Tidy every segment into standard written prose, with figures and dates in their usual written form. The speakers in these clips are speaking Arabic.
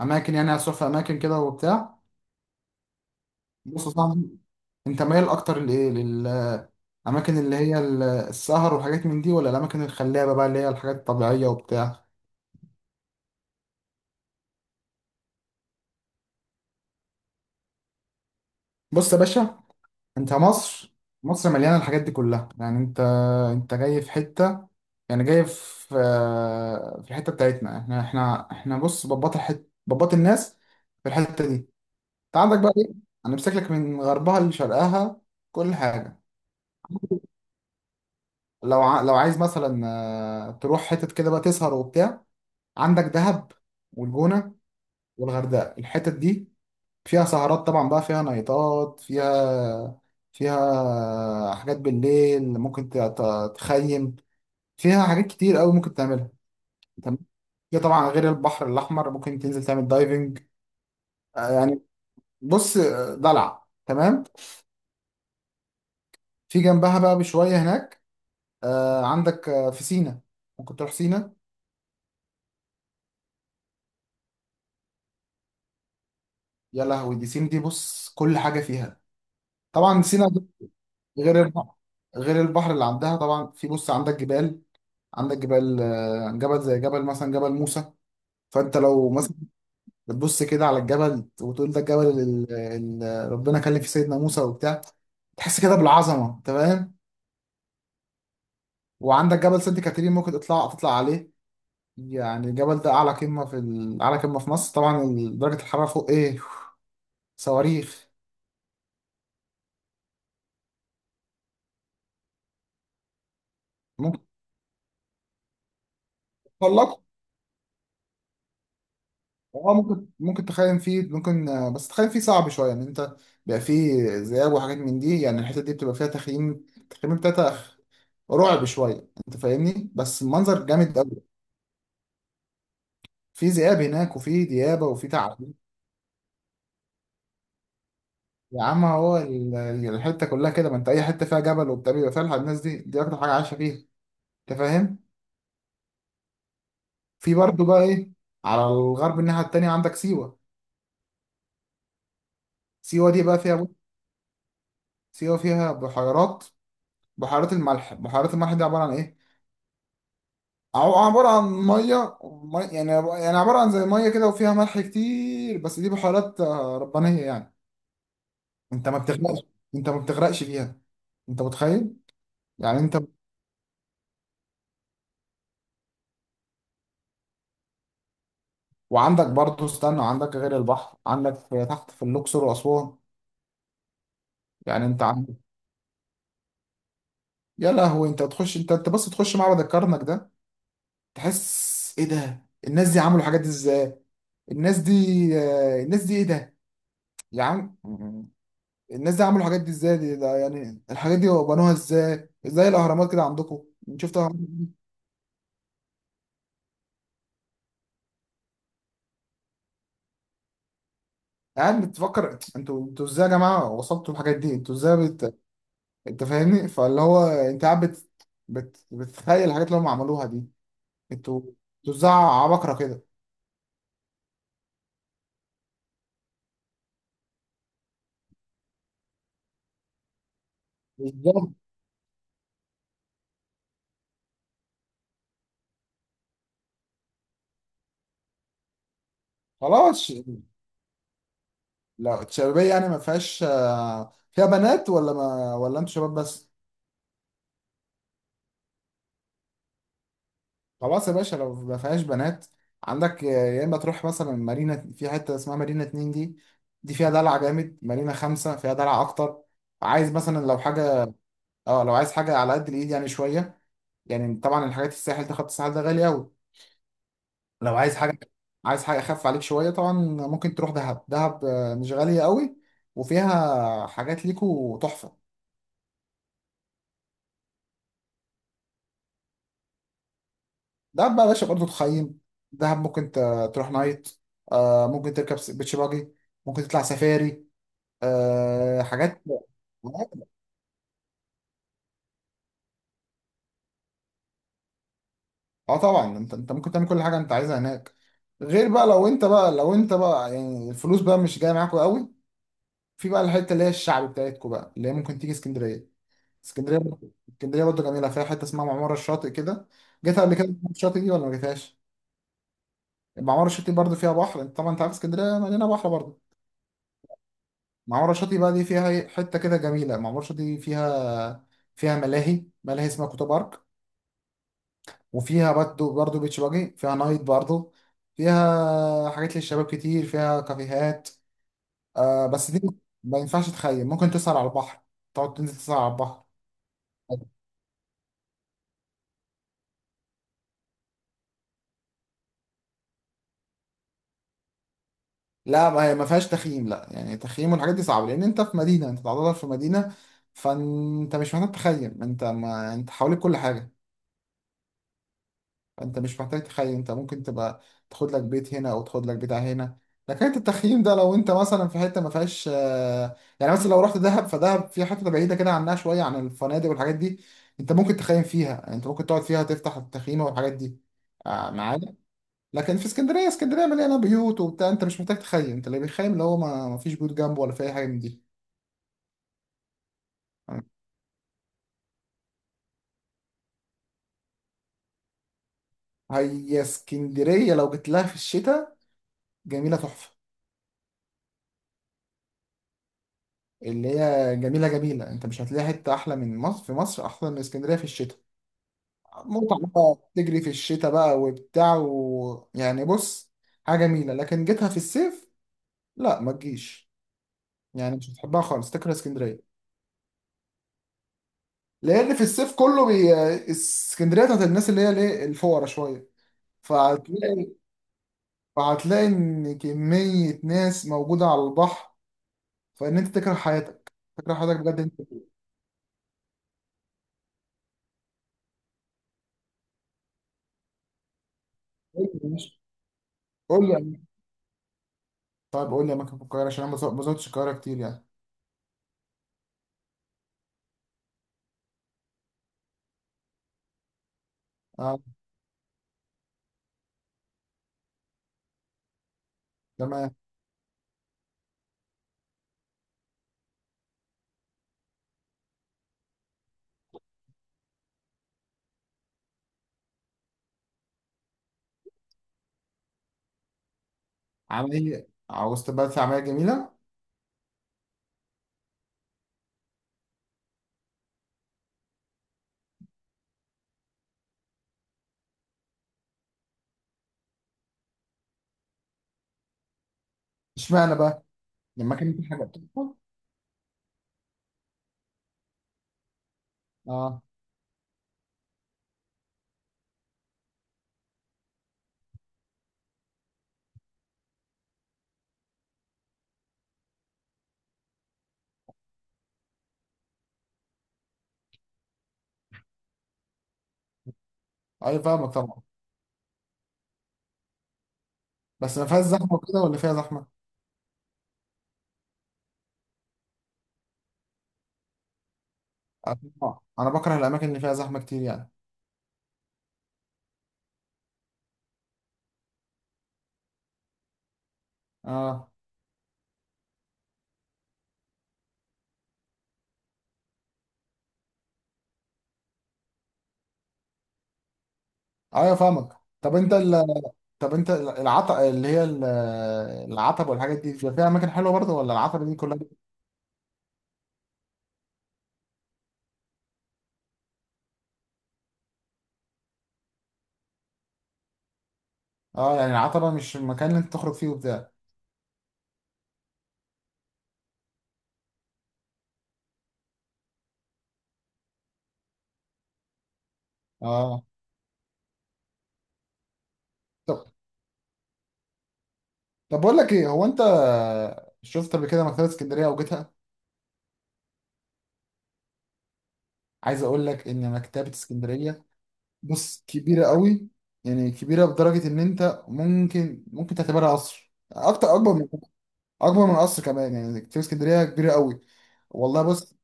اماكن، يعني هتروح في اماكن كده وبتاع. بص يا صاحبي، انت مايل اكتر لايه؟ للاماكن اللي هي السهر وحاجات من دي، ولا الاماكن الخلابه بقى اللي هي الحاجات الطبيعيه وبتاع؟ بص يا باشا، انت مصر، مصر مليانه الحاجات دي كلها. يعني انت جاي في حته، يعني جاي في في الحته بتاعتنا. احنا بص بباط الحت بباط الناس. في الحته دي انت عندك بقى ايه؟ انا لك من غربها لشرقها كل حاجه. لو عايز مثلا تروح حتت كده بقى تسهر وبتاع، عندك دهب والجونة والغردقة. الحتت دي فيها سهرات طبعا بقى، فيها نايتات، فيها حاجات بالليل ممكن تخيم، فيها حاجات كتير قوي ممكن تعملها. تمام ده طبعا غير البحر الأحمر ممكن تنزل تعمل دايفنج. يعني بص، دلع تمام. في جنبها بقى بشوية هناك عندك في سينا، ممكن تروح سينا. يا لهوي، دي سينا دي، بص كل حاجة فيها. طبعا سينا دي غير البحر، غير البحر اللي عندها طبعا. في بص عندك جبال، عندك جبال جبل، زي جبل مثلا جبل موسى. فانت لو مثلا بتبص كده على الجبل وتقول ده الجبل اللي ربنا كلم فيه سيدنا موسى وبتاع، تحس كده بالعظمه، انت فاهم. وعندك جبل سانت كاترين ممكن تطلع عليه. يعني الجبل ده اعلى قمه في اعلى قمه في مصر، طبعا درجه الحراره فوق، ايه، صواريخ. ممكن تطلق، اه ممكن، تخيم فيه ممكن، بس تخيم فيه صعب شويه. يعني انت بيبقى فيه ذئاب وحاجات من دي، يعني الحته دي بتبقى فيها تخييم، التخييم بتاعتها رعب شويه، انت فاهمني، بس المنظر جامد قوي. في ذئاب هناك، وفي ديابه، وفي تعابين. يا عم هو الحته كلها كده، ما انت اي حته فيها جبل وبتاع بيبقى فيها الناس دي، دي اكتر حاجه عايشه فيها، انت فاهم. في برضه بقى ايه، على الغرب الناحيه التانيه عندك سيوه. سيوه دي بقى فيها، سيوه فيها بحيرات، بحيرات الملح. بحيرات الملح دي عباره عن ايه؟ عبارة عن مية يعني، عبارة عن زي مية كده وفيها ملح كتير، بس دي بحيرات ربانية يعني. انت ما بتغرقش، انت ما بتغرقش فيها، انت متخيل. يعني انت، وعندك برضه، استنى، عندك غير البحر عندك في تحت، في الاقصر واسوان. يعني انت عندك، يا لهوي، انت تخش، انت بس تخش معبد الكرنك ده، تحس ايه ده، الناس دي عملوا الحاجات دي ازاي؟ الناس دي، الناس دي، ايه ده يا عم، الناس دي عملوا الحاجات دي ازاي؟ دي ده، يعني الحاجات دي بنوها ازاي؟ ازاي الاهرامات كده عندكم؟ شفت الاهرامات دي؟ قاعد بتفكر انتوا، ازاي يا جماعه وصلتوا الحاجات دي؟ انتوا ازاي انت فاهمني. فاللي هو انت قاعد بتخيل الحاجات اللي هم عملوها دي. انتوا، ازاي عبقرة كده؟ بالظبط، خلاص. لا الشبابيه يعني ما فيهاش فيها بنات، ولا ما، ولا انتوا شباب بس؟ خلاص يا باشا، لو ما فيهاش بنات، عندك يا اما تروح مثلا مارينا، في حته اسمها مارينا اتنين، دي دي فيها دلع جامد. مارينا خمسة فيها دلع اكتر. عايز مثلا لو حاجه، اه لو عايز حاجه على قد الايد يعني شويه. يعني طبعا الحاجات الساحل ده، خط الساحل ده غالي قوي. لو عايز حاجه، عايز حاجه اخف عليك شويه، طبعا ممكن تروح دهب. دهب مش غاليه قوي، وفيها حاجات ليكو تحفه. دهب بقى يا باشا برضه تخيم، دهب ممكن تروح نايت، ممكن تركب بيتش باجي، ممكن تطلع سفاري، أه حاجات. اه طبعا، انت ممكن تعمل كل حاجه انت عايزها هناك. غير بقى، لو انت بقى، لو انت بقى يعني الفلوس بقى مش جايه معاكوا قوي، في بقى الحته اللي هي الشعب بتاعتكوا بقى، اللي هي ممكن تيجي اسكندريه. اسكندريه برضه، اسكندريه برضه جميله، فيها حته اسمها معمار الشاطئ كده. جيتها قبل كده الشاطئ دي ولا ما جيتهاش؟ معمار الشاطئ برضه فيها بحر، طبعا انت عارف اسكندريه مليانه بحر برضه. معمار الشاطئ بقى دي فيها ايه؟ حته كده جميله. معمار الشاطئ دي فيها، فيها ملاهي، ملاهي اسمها كوتا بارك، وفيها برضو، بيتش باجي، فيها نايت برضو، فيها حاجات للشباب كتير، فيها كافيهات. آه بس دي ما ينفعش تخيم، ممكن تسهر على البحر، تقعد تنزل تسهر على البحر. لا ما هي ما فيهاش تخييم، لا، يعني التخييم والحاجات دي صعبة، لأن أنت في مدينة، أنت تعتبر في مدينة. فأنت مش محتاج تخيم، أنت ما أنت حواليك كل حاجة. انت مش محتاج تخيم، انت ممكن تبقى تاخد لك بيت هنا، او تاخد لك بتاع هنا. لكن التخييم ده لو انت مثلا في حته ما فيهاش يعني مثلا لو رحت دهب، فدهب في حته بعيده كده عنها شويه عن الفنادق والحاجات دي، انت ممكن تخيم فيها، يعني انت ممكن تقعد فيها تفتح التخييم والحاجات دي معانا. لكن في اسكندريه، اسكندريه مليانه بيوت وبتاع، انت مش محتاج تخيم، انت اللي بيخيم اللي هو ما فيش بيوت جنبه، ولا في اي حاجه من دي. آه، هي اسكندريه لو جيت لها في الشتاء، جميله تحفه. اللي هي جميلة، انت مش هتلاقي حتة احلى من مصر، في مصر احلى من اسكندرية في الشتاء. متعة بقى تجري في الشتاء بقى وبتاع و... يعني بص، حاجة جميلة. لكن جيتها في الصيف، لا ما تجيش. يعني مش هتحبها خالص، تكره اسكندرية. لان في الصيف اسكندرية بتاعت الناس اللي هي الايه الفقرا شوية. فهتلاقي، ان كمية ناس موجودة على البحر، فان انت تكره حياتك، تكره حياتك بجد انت. قول لي يعني. طيب قول لي اماكن في القاهره، عشان انا ما ما زرتش القاهره كتير يعني. اه تمام. عمليه، عاوز تبقى في عمليه جميله. اشمعنى بقى؟ لما كان في حاجه بتحصل. اه، اي فاهمك طبعا. بس ما فيهاش زحمه وكده ولا فيها زحمه؟ آه، طبعاً. انا بكره الاماكن اللي فيها زحمه كتير يعني. اه ايوه فاهمك. طب انت طب انت العتب اللي هي العتبه والحاجات دي بيبقى فيها اماكن حلوه برضه، ولا العتبه دي كلها، اه، يعني العتبه مش المكان اللي انت تخرج فيه وبتاع؟ اه طب، بقول لك ايه، هو انت شفت قبل كده مكتبه اسكندريه او جيتها؟ عايز اقول لك ان مكتبة اسكندرية، بص كبيرة قوي، يعني كبيرة بدرجة ان انت ممكن، تعتبرها قصر، اكتر، اكبر من، اكبر من قصر كمان. يعني مكتبة اسكندرية كبيرة قوي، والله. بص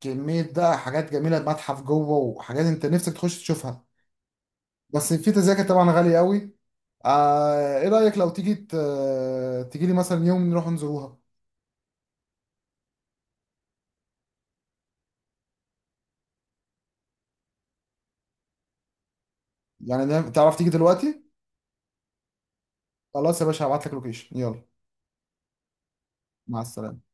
كمية بقى حاجات جميلة، متحف جوه وحاجات انت نفسك تخش تشوفها، بس في تذاكر طبعا غالية قوي. آه، ايه رأيك لو تيجي، تيجي لي مثلا يوم نروح نزوروها؟ يعني نعم، تعرف تيجي دلوقتي؟ خلاص يا باشا، هبعت لك لوكيشن، يلا. مع السلامة.